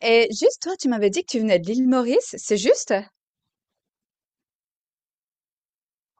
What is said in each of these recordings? Et juste, toi, tu m'avais dit que tu venais de l'île Maurice, c'est juste?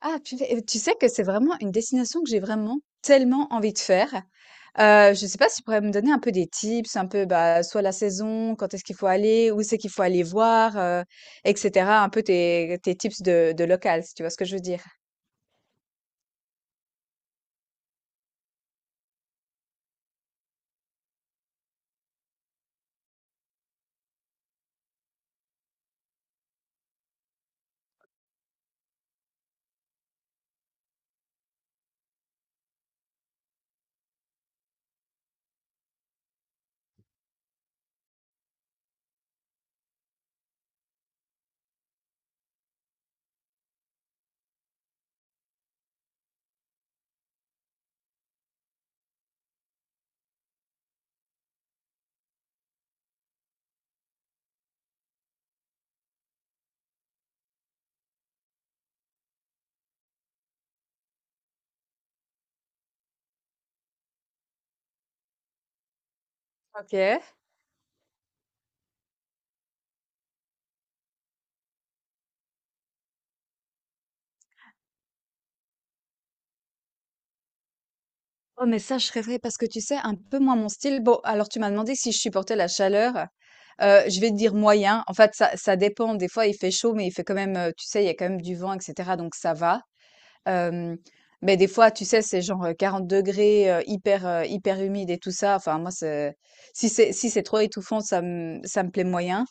Ah, purée, tu sais que c'est vraiment une destination que j'ai vraiment tellement envie de faire. Je sais pas si tu pourrais me donner un peu des tips, un peu bah, soit la saison, quand est-ce qu'il faut aller, où c'est qu'il faut aller voir, etc. Un peu tes tips de local, si tu vois ce que je veux dire. Ok. Oh, mais ça, je rêverais parce que tu sais, un peu moins mon style. Bon, alors tu m'as demandé si je supportais la chaleur. Je vais te dire moyen. En fait, ça dépend. Des fois, il fait chaud, mais il fait quand même, tu sais, il y a quand même du vent, etc. Donc, ça va. Euh, mais des fois, tu sais, c'est genre 40 degrés, hyper humide et tout ça. Enfin, moi, si c'est, si c'est trop étouffant, ça me plaît moyen.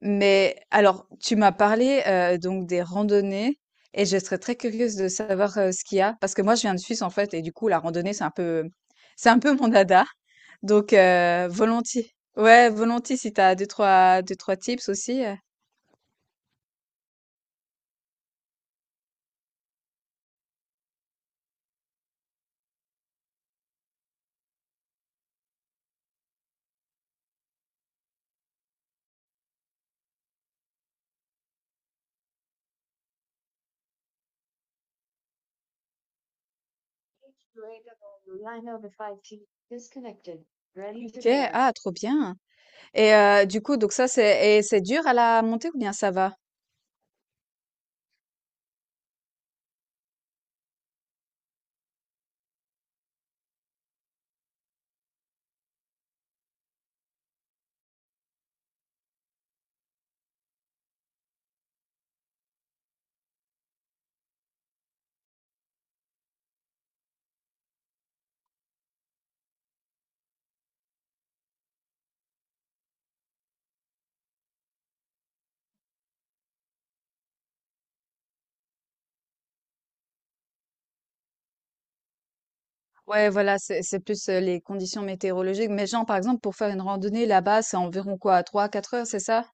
Mais alors, tu m'as parlé, donc des randonnées et je serais très curieuse de savoir, ce qu'il y a parce que moi je viens de Suisse en fait et du coup la randonnée c'est un peu, c'est un peu mon dada donc volontiers. Ouais, volontiers si t'as deux trois tips aussi. OK, ah trop bien. Et du coup donc ça c'est, et c'est dur à la montée ou bien ça va? Ouais, voilà, c'est plus les conditions météorologiques. Mais genre, par exemple, pour faire une randonnée là-bas, c'est environ quoi, 3 quatre heures, c'est ça?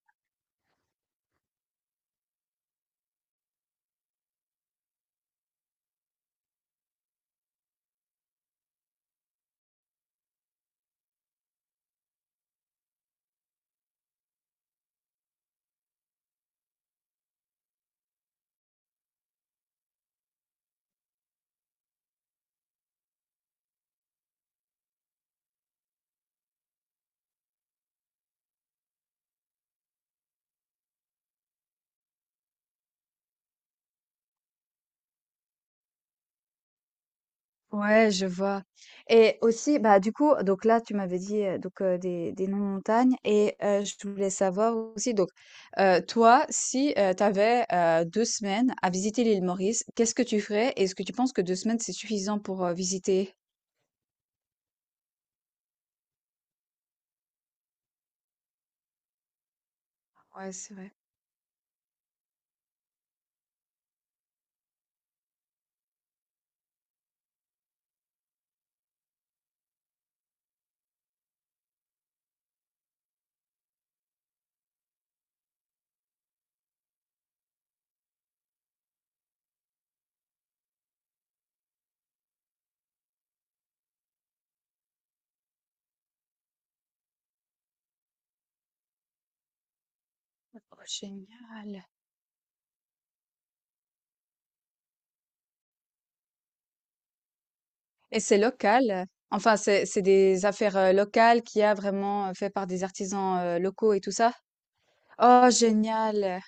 Ouais, je vois, et aussi, bah, du coup, donc là, tu m'avais dit, des noms de montagnes et je voulais savoir aussi donc, toi, si, tu avais, semaines à visiter l'île Maurice, qu'est-ce que tu ferais? Et est-ce que tu penses que 2 semaines, c'est suffisant pour, visiter? Ouais, c'est vrai. Oh, génial. Et c'est local? Enfin, c'est des affaires, locales qu'il y a vraiment, fait par des artisans, locaux et tout ça? Oh, génial!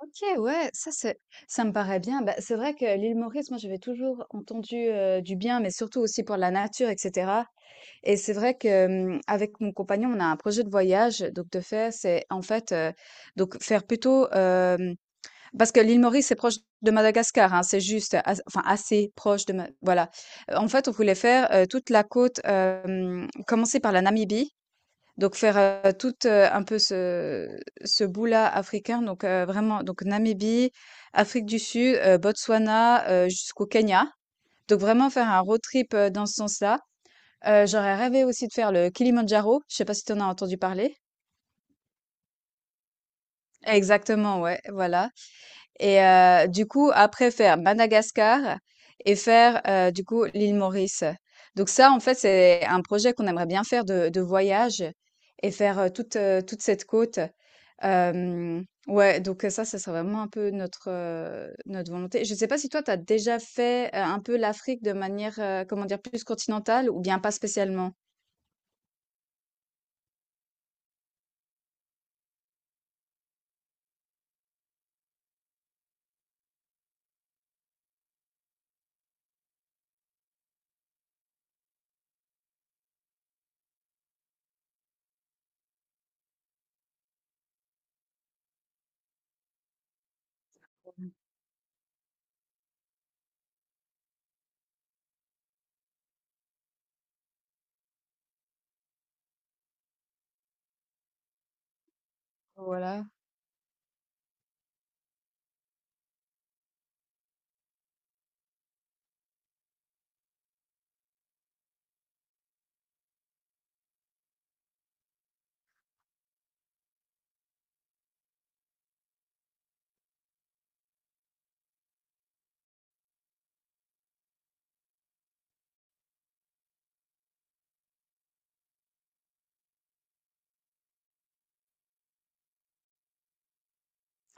OK, ouais, ça me paraît bien. Bah, c'est vrai que l'île Maurice, moi j'avais toujours entendu, du bien, mais surtout aussi pour la nature et cetera, et c'est vrai que, hem, avec mon compagnon, on a un projet de voyage, donc de fait, c'est en fait, donc faire plutôt, hem, parce que l'île Maurice, c'est proche de Madagascar, hein, c'est juste as enfin assez proche de Ma voilà. En fait, on voulait faire, toute la côte, hem, commencer par la Namibie, donc faire, un peu ce bout-là africain, donc vraiment donc Namibie, Afrique du Sud, Botswana, jusqu'au Kenya. Donc vraiment faire un road trip, dans ce sens-là. J'aurais rêvé aussi de faire le Kilimandjaro, je sais pas si tu en as entendu parler? Exactement, ouais, voilà. Et du coup, après faire Madagascar et faire, du coup, l'île Maurice. Donc ça, en fait, c'est un projet qu'on aimerait bien faire de voyage et faire, toute cette côte. Hem, ouais, donc ça, ça serait vraiment un peu notre, notre volonté. Je ne sais pas si toi, tu as déjà fait, un peu l'Afrique de manière, comment dire? Plus continentale ou bien pas spécialement? Voilà.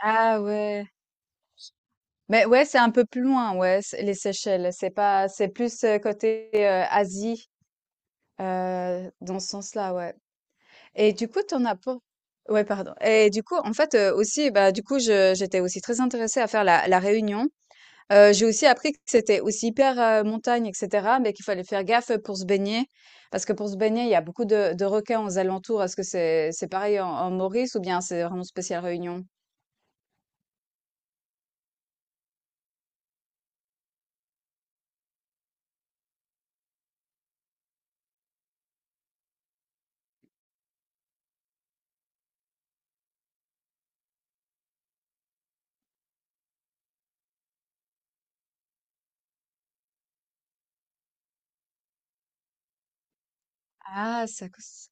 Ah ouais. Mais ouais, c'est un peu plus loin, ouais, c'est les Seychelles. C'est pas c'est plus, côté, Asie. Dans ce sens-là, ouais. Et du coup, tu en as pas ouais, pardon. Et du coup, en fait, aussi, bah, du coup, je j'étais aussi très intéressée à faire la réunion. J'ai aussi appris que c'était aussi hyper, montagne et cetera, mais qu'il fallait faire gaffe, pour se baigner. Parce que pour se baigner, il y a beaucoup de requins aux alentours. Est-ce que c'est pareil en en Maurice ou bien c'est vraiment spécial Réunion? Ah, ça. Cause-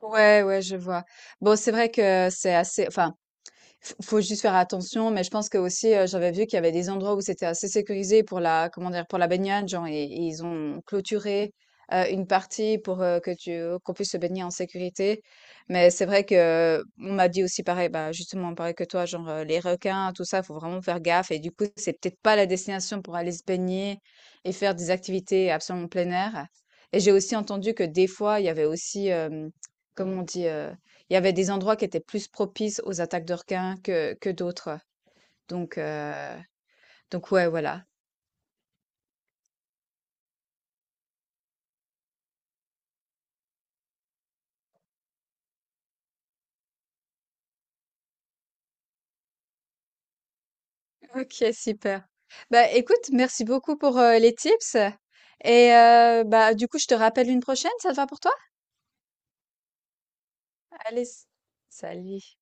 Ouais, ouais, je vois. Bon, c'est vrai que c'est assez. Enfin, F faut juste faire attention, mais je pense que aussi, j'avais vu qu'il y avait des endroits où c'était assez sécurisé pour la comment dire? Pour la baignade, genre et ils ont clôturé, une partie pour, que tu qu'on puisse se baigner en sécurité. Mais c'est vrai que on m'a dit aussi pareil, bah, justement pareil que toi, genre, les requins, tout ça, faut vraiment faire gaffe et du coup, c'est peut-être pas la destination pour aller se baigner et faire des activités absolument plein air. Et j'ai aussi entendu que des fois, il y avait aussi, hem, comment on dit? Il y avait des endroits qui étaient plus propices aux attaques de requins que d'autres. Donc, euh, donc, ouais, voilà. Ok, super. Bah écoute, merci beaucoup pour les tips. Et bah du coup, je te rappelle une prochaine, ça te va pour toi? Allez, s- salut.